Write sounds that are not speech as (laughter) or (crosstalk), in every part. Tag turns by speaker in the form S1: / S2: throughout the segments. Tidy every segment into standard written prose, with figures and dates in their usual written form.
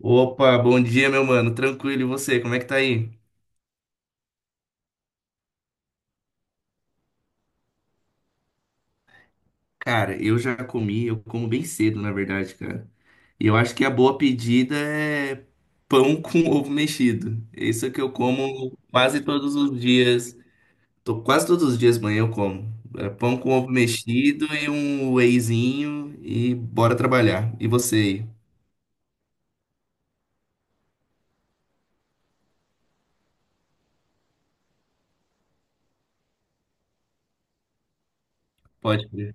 S1: Opa, bom dia, meu mano. Tranquilo, e você? Como é que tá aí? Cara, eu já comi, eu como bem cedo, na verdade, cara. E eu acho que a boa pedida é pão (laughs) com ovo mexido. Isso é que eu como quase todos os dias. Tô quase todos os dias manhã eu como. É pão com ovo mexido e um wheyzinho e bora trabalhar. E você aí? Pode crer.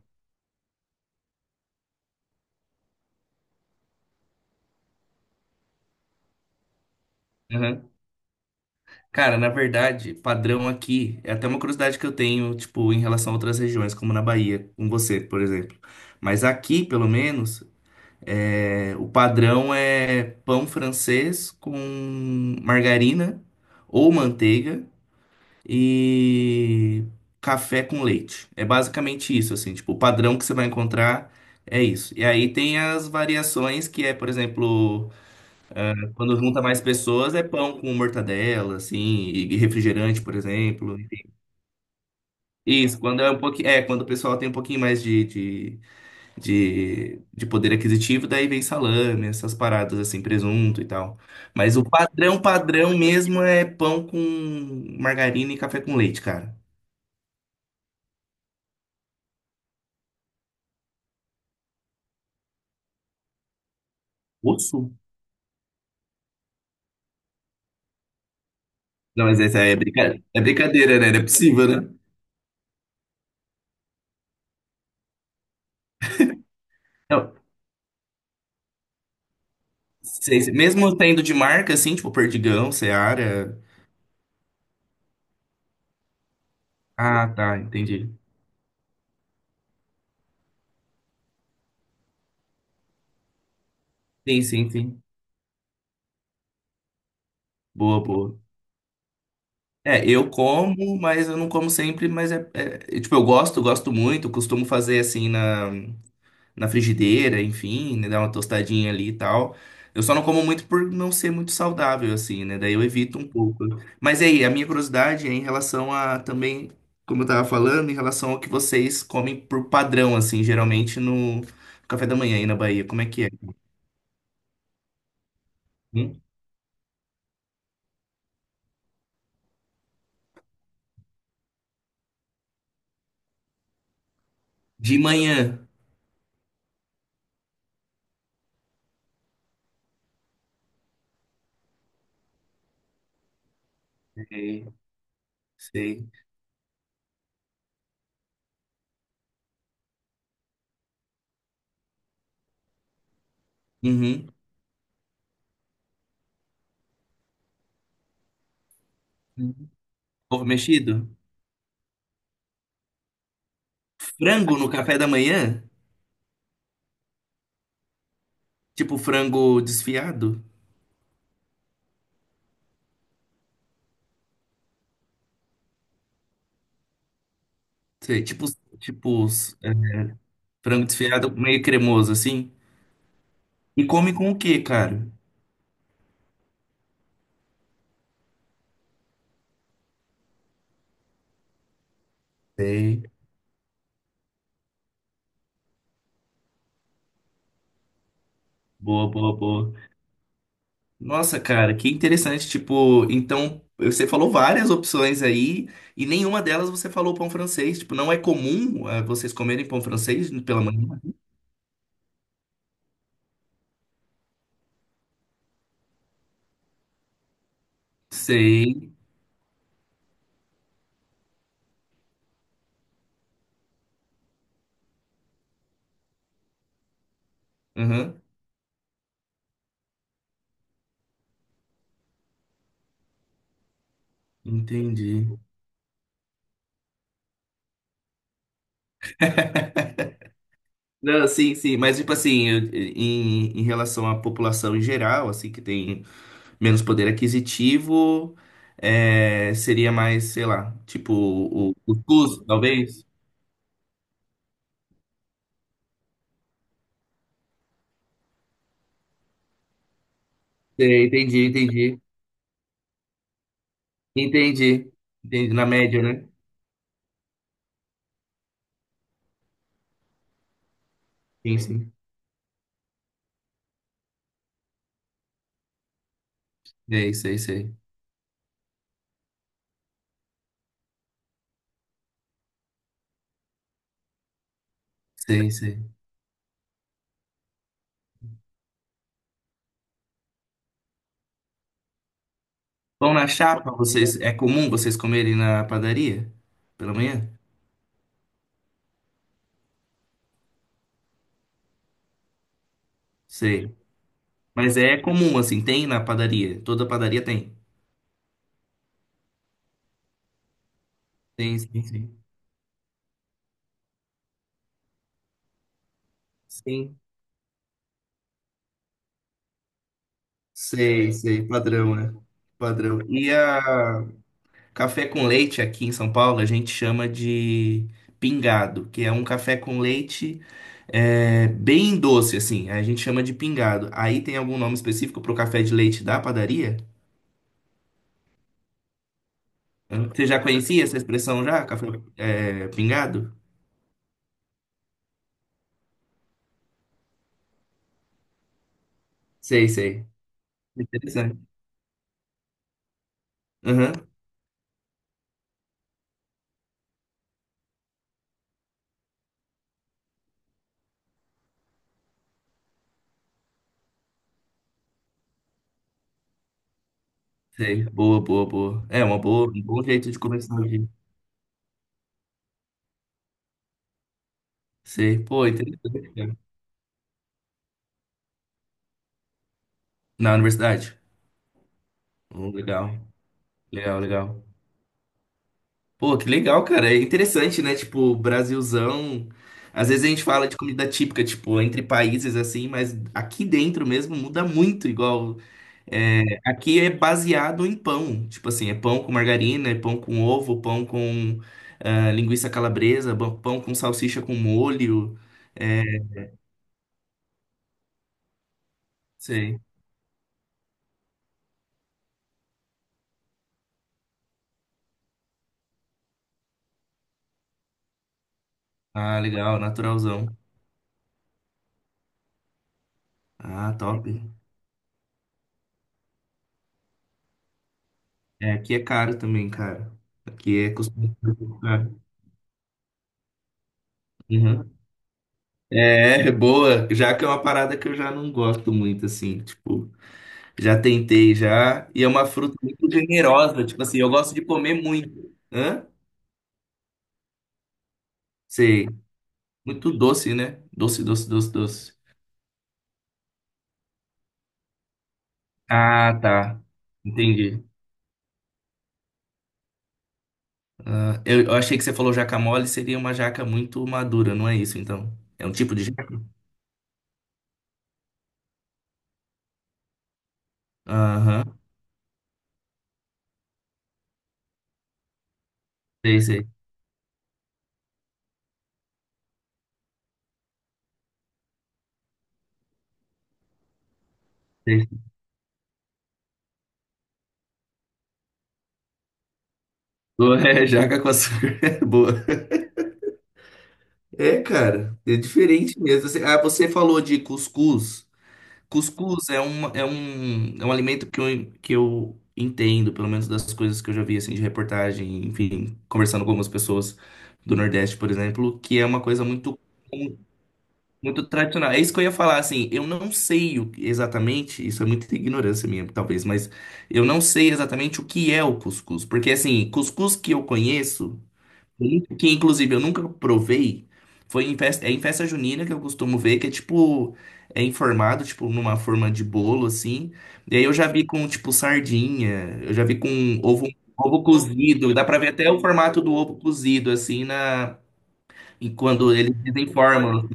S1: Cara, na verdade, padrão aqui é até uma curiosidade que eu tenho, tipo, em relação a outras regiões, como na Bahia, com você, por exemplo. Mas aqui, pelo menos, é, o padrão é pão francês com margarina ou manteiga e café com leite. É basicamente isso, assim, tipo, o padrão que você vai encontrar é isso. E aí tem as variações que é, por exemplo. Quando junta mais pessoas, é pão com mortadela, assim, e refrigerante, por exemplo. Isso, quando é um pouquinho, é, quando o pessoal tem um pouquinho mais de poder aquisitivo, daí vem salame, essas paradas assim, presunto e tal. Mas o padrão, padrão mesmo é pão com margarina e café com leite, cara. Osso? Não, mas essa é brincadeira, né? Não é possível, né? Não, sei, sei. Mesmo tendo de marca, assim, tipo Perdigão, Seara. Ah, tá, entendi. Sim, sim, sim. Boa, boa. É, eu como, mas eu não como sempre, mas é, tipo, eu gosto, gosto muito, costumo fazer assim na frigideira, enfim, né, dar uma tostadinha ali e tal. Eu só não como muito por não ser muito saudável, assim, né? Daí eu evito um pouco. Mas aí, a minha curiosidade é em relação a também, como eu tava falando, em relação ao que vocês comem por padrão, assim, geralmente no café da manhã aí na Bahia. Como é que é? Hum? De manhã. Sei, sei. Uhum. Uhum. Ovo mexido? Frango no café da manhã? Tipo frango desfiado? Sei, tipo, tipo é, frango desfiado meio cremoso assim. E come com o quê, cara? Sei. Boa, boa, boa. Nossa, cara, que interessante. Tipo, então você falou várias opções aí e nenhuma delas você falou pão francês. Tipo, não é comum é, vocês comerem pão francês pela manhã? Sei. Aham. Entendi. Não, sim, sim, mas tipo assim, em relação à população em geral, assim, que tem menos poder aquisitivo, é, seria mais, sei lá, tipo o cuscuz, talvez? Sei, entendi, entendi. Entendi. Entendi. Na média, né? Sim, sim. Sei, sei, sei. Sei, sei. Pão na chapa, vocês, é comum vocês comerem na padaria? Pela manhã? Sei. Mas é comum, assim, tem na padaria. Toda padaria tem. Tem, sim, sim. Sim. Sei, sei. Padrão, né? Padrão. E a Café com leite aqui em São Paulo a gente chama de pingado, que é um café com leite é, bem doce, assim. A gente chama de pingado. Aí tem algum nome específico para o café de leite da padaria? Hã? Você já conhecia essa expressão já? Café é, pingado? Sei, sei. Interessante. Aham, sei. Boa, boa, boa. É uma boa, um bom jeito de começar aqui. Sei. Pô, interessante, cara. Na universidade? Oh, legal, legal, legal. Pô, que legal, cara. É interessante, né? Tipo, Brasilzão. Às vezes a gente fala de comida típica, tipo, entre países assim, mas aqui dentro mesmo muda muito. Igual, é, aqui é baseado em pão. Tipo assim, é pão com margarina, é pão com ovo, pão com linguiça calabresa, pão com salsicha com molho. Sei. Ah, legal, naturalzão. Ah, top. É, aqui é caro também, cara. Aqui é custo. Uhum. É, boa, já que é uma parada que eu já não gosto muito, assim, tipo, já tentei já, e é uma fruta muito generosa, tipo assim, eu gosto de comer muito, hã? Sei, muito doce, né? Doce, doce, doce, doce. Ah, tá, entendi. Ah, eu achei que você falou jaca mole, seria uma jaca muito madura, não é isso, então? É um tipo de jaca? Aham, sei, sei, sei. Boa, (laughs) É, jaca com açúcar, (laughs) boa. É, cara, é diferente mesmo. Ah, você falou de cuscuz. Cuscuz é um alimento que eu entendo, pelo menos das coisas que eu já vi assim, de reportagem, enfim, conversando com algumas pessoas do Nordeste, por exemplo, que é uma coisa muito, muito tradicional. É isso que eu ia falar, assim, eu não sei exatamente, isso é muita ignorância minha, talvez, mas eu não sei exatamente o que é o cuscuz, porque assim, cuscuz que eu conheço. Gente, que inclusive eu nunca provei. É em festa junina que eu costumo ver, que é tipo, é informado, tipo, numa forma de bolo, assim. E aí eu já vi com, tipo, sardinha, eu já vi com ovo, ovo cozido. Dá pra ver até o formato do ovo cozido, assim, e quando eles desenformam.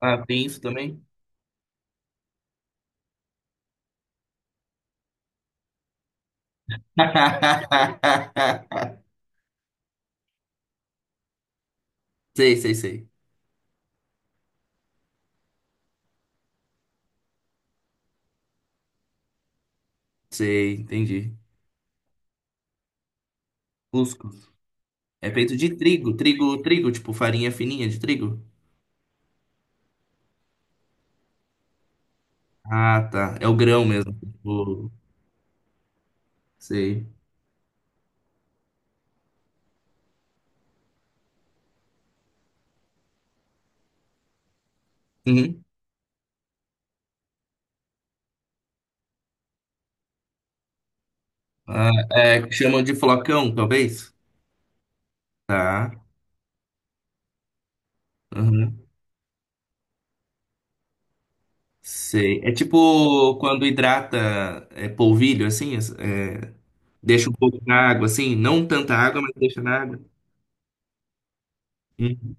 S1: Ah, tem isso também? (laughs) Sei, sei, sei. Sei, entendi. Cuscuz. É feito de trigo, trigo, trigo, tipo farinha fininha de trigo. Ah, tá. É o grão mesmo. Tipo, sei. Uhum. Ah, é, que chamam de flocão, talvez? Tá. Uhum. Sei. É tipo quando hidrata é, polvilho, assim, deixa um pouco na água, assim. Não tanta água, mas deixa na água. Uhum.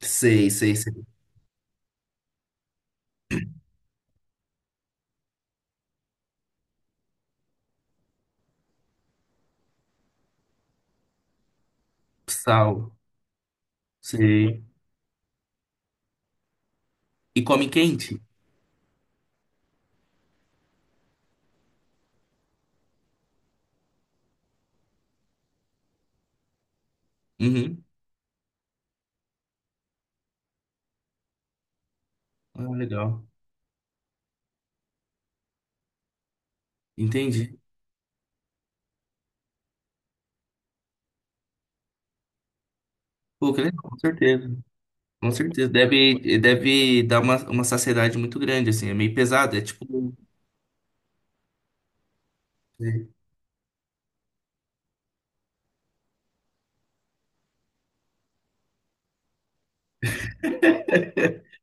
S1: Sei, sei, sei. Sal. Sei. E come quente? Uhum. Ah, legal. Entendi. Pô, que legal, com certeza. Com certeza. Deve dar uma saciedade muito grande, assim. É meio pesado. É tipo. é,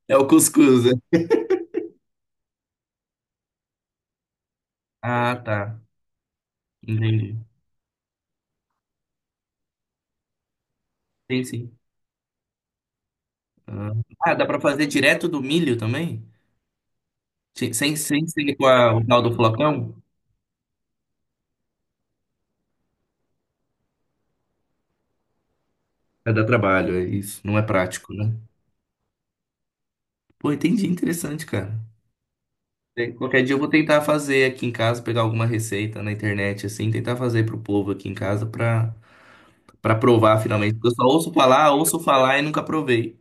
S1: É o cuscuz, né? Ah, tá. Entendi. Sim, sim. Ah, Ah, dá pra fazer direto do milho também? Sem ser com o tal do flocão? É dar trabalho, é isso. Não é prático, né? Pô, entendi. Interessante, cara. Qualquer dia eu vou tentar fazer aqui em casa, pegar alguma receita na internet, assim, tentar fazer pro povo aqui em casa pra provar finalmente. Porque eu só ouço falar e nunca provei.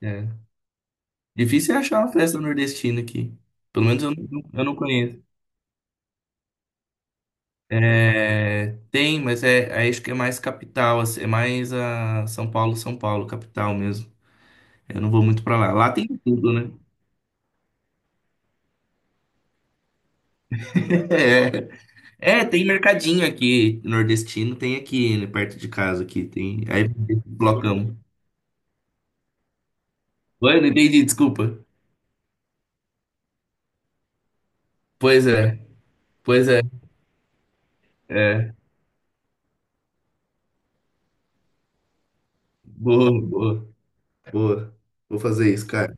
S1: É. Difícil é achar uma festa nordestina aqui. Pelo menos eu não conheço. É, tem, mas é, aí acho que é mais capital, assim, é mais a São Paulo, São Paulo, capital mesmo. Eu não vou muito pra lá. Lá tem tudo, né? (laughs) Tem mercadinho aqui, nordestino tem aqui, né, perto de casa aqui, tem. Aí tem esse blocão. Oi, não entendi, desculpa. Pois é, pois é, é. Boa, boa, boa. Vou fazer isso, cara.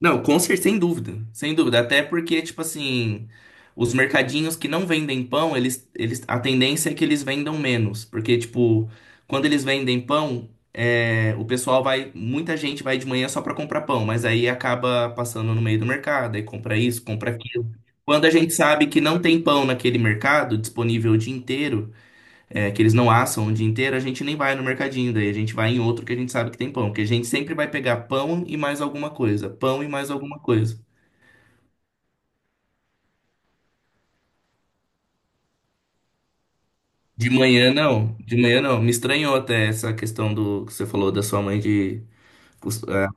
S1: Não, com certeza, sem dúvida. Sem dúvida. Até porque, tipo assim, os mercadinhos que não vendem pão, eles, a tendência é que eles vendam menos. Porque, tipo, quando eles vendem pão, é, o pessoal vai. Muita gente vai de manhã só pra comprar pão, mas aí acaba passando no meio do mercado, aí compra isso, compra aquilo. Quando a gente sabe que não tem pão naquele mercado disponível o dia inteiro é, que eles não assam o dia inteiro, a gente nem vai no mercadinho, daí a gente vai em outro que a gente sabe que tem pão, porque a gente sempre vai pegar pão e mais alguma coisa, pão e mais alguma coisa. De manhã não, de manhã não. Me estranhou até essa questão do que você falou da sua mãe de. cus- é.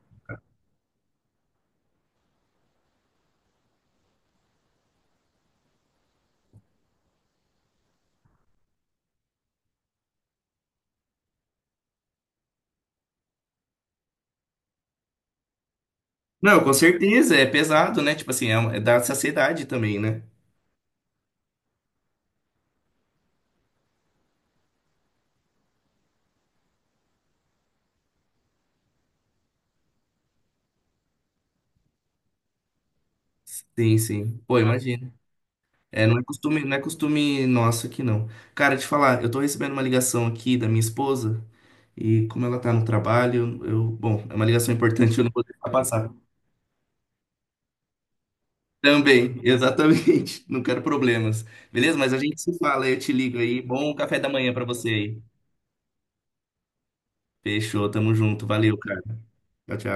S1: Não, com certeza, é pesado, né? Tipo assim, é, é da saciedade também, né? Sim, sim. Pô, imagina. É, não é costume, não é costume nosso aqui, não. Cara, te falar, eu tô recebendo uma ligação aqui da minha esposa, e como ela tá no trabalho, bom, é uma ligação importante, eu não vou deixar passar. Também, exatamente. (laughs) Não quero problemas. Beleza? Mas a gente se fala, eu te ligo aí. Bom café da manhã pra você aí. Fechou, tamo junto. Valeu, cara. Tchau, tchau.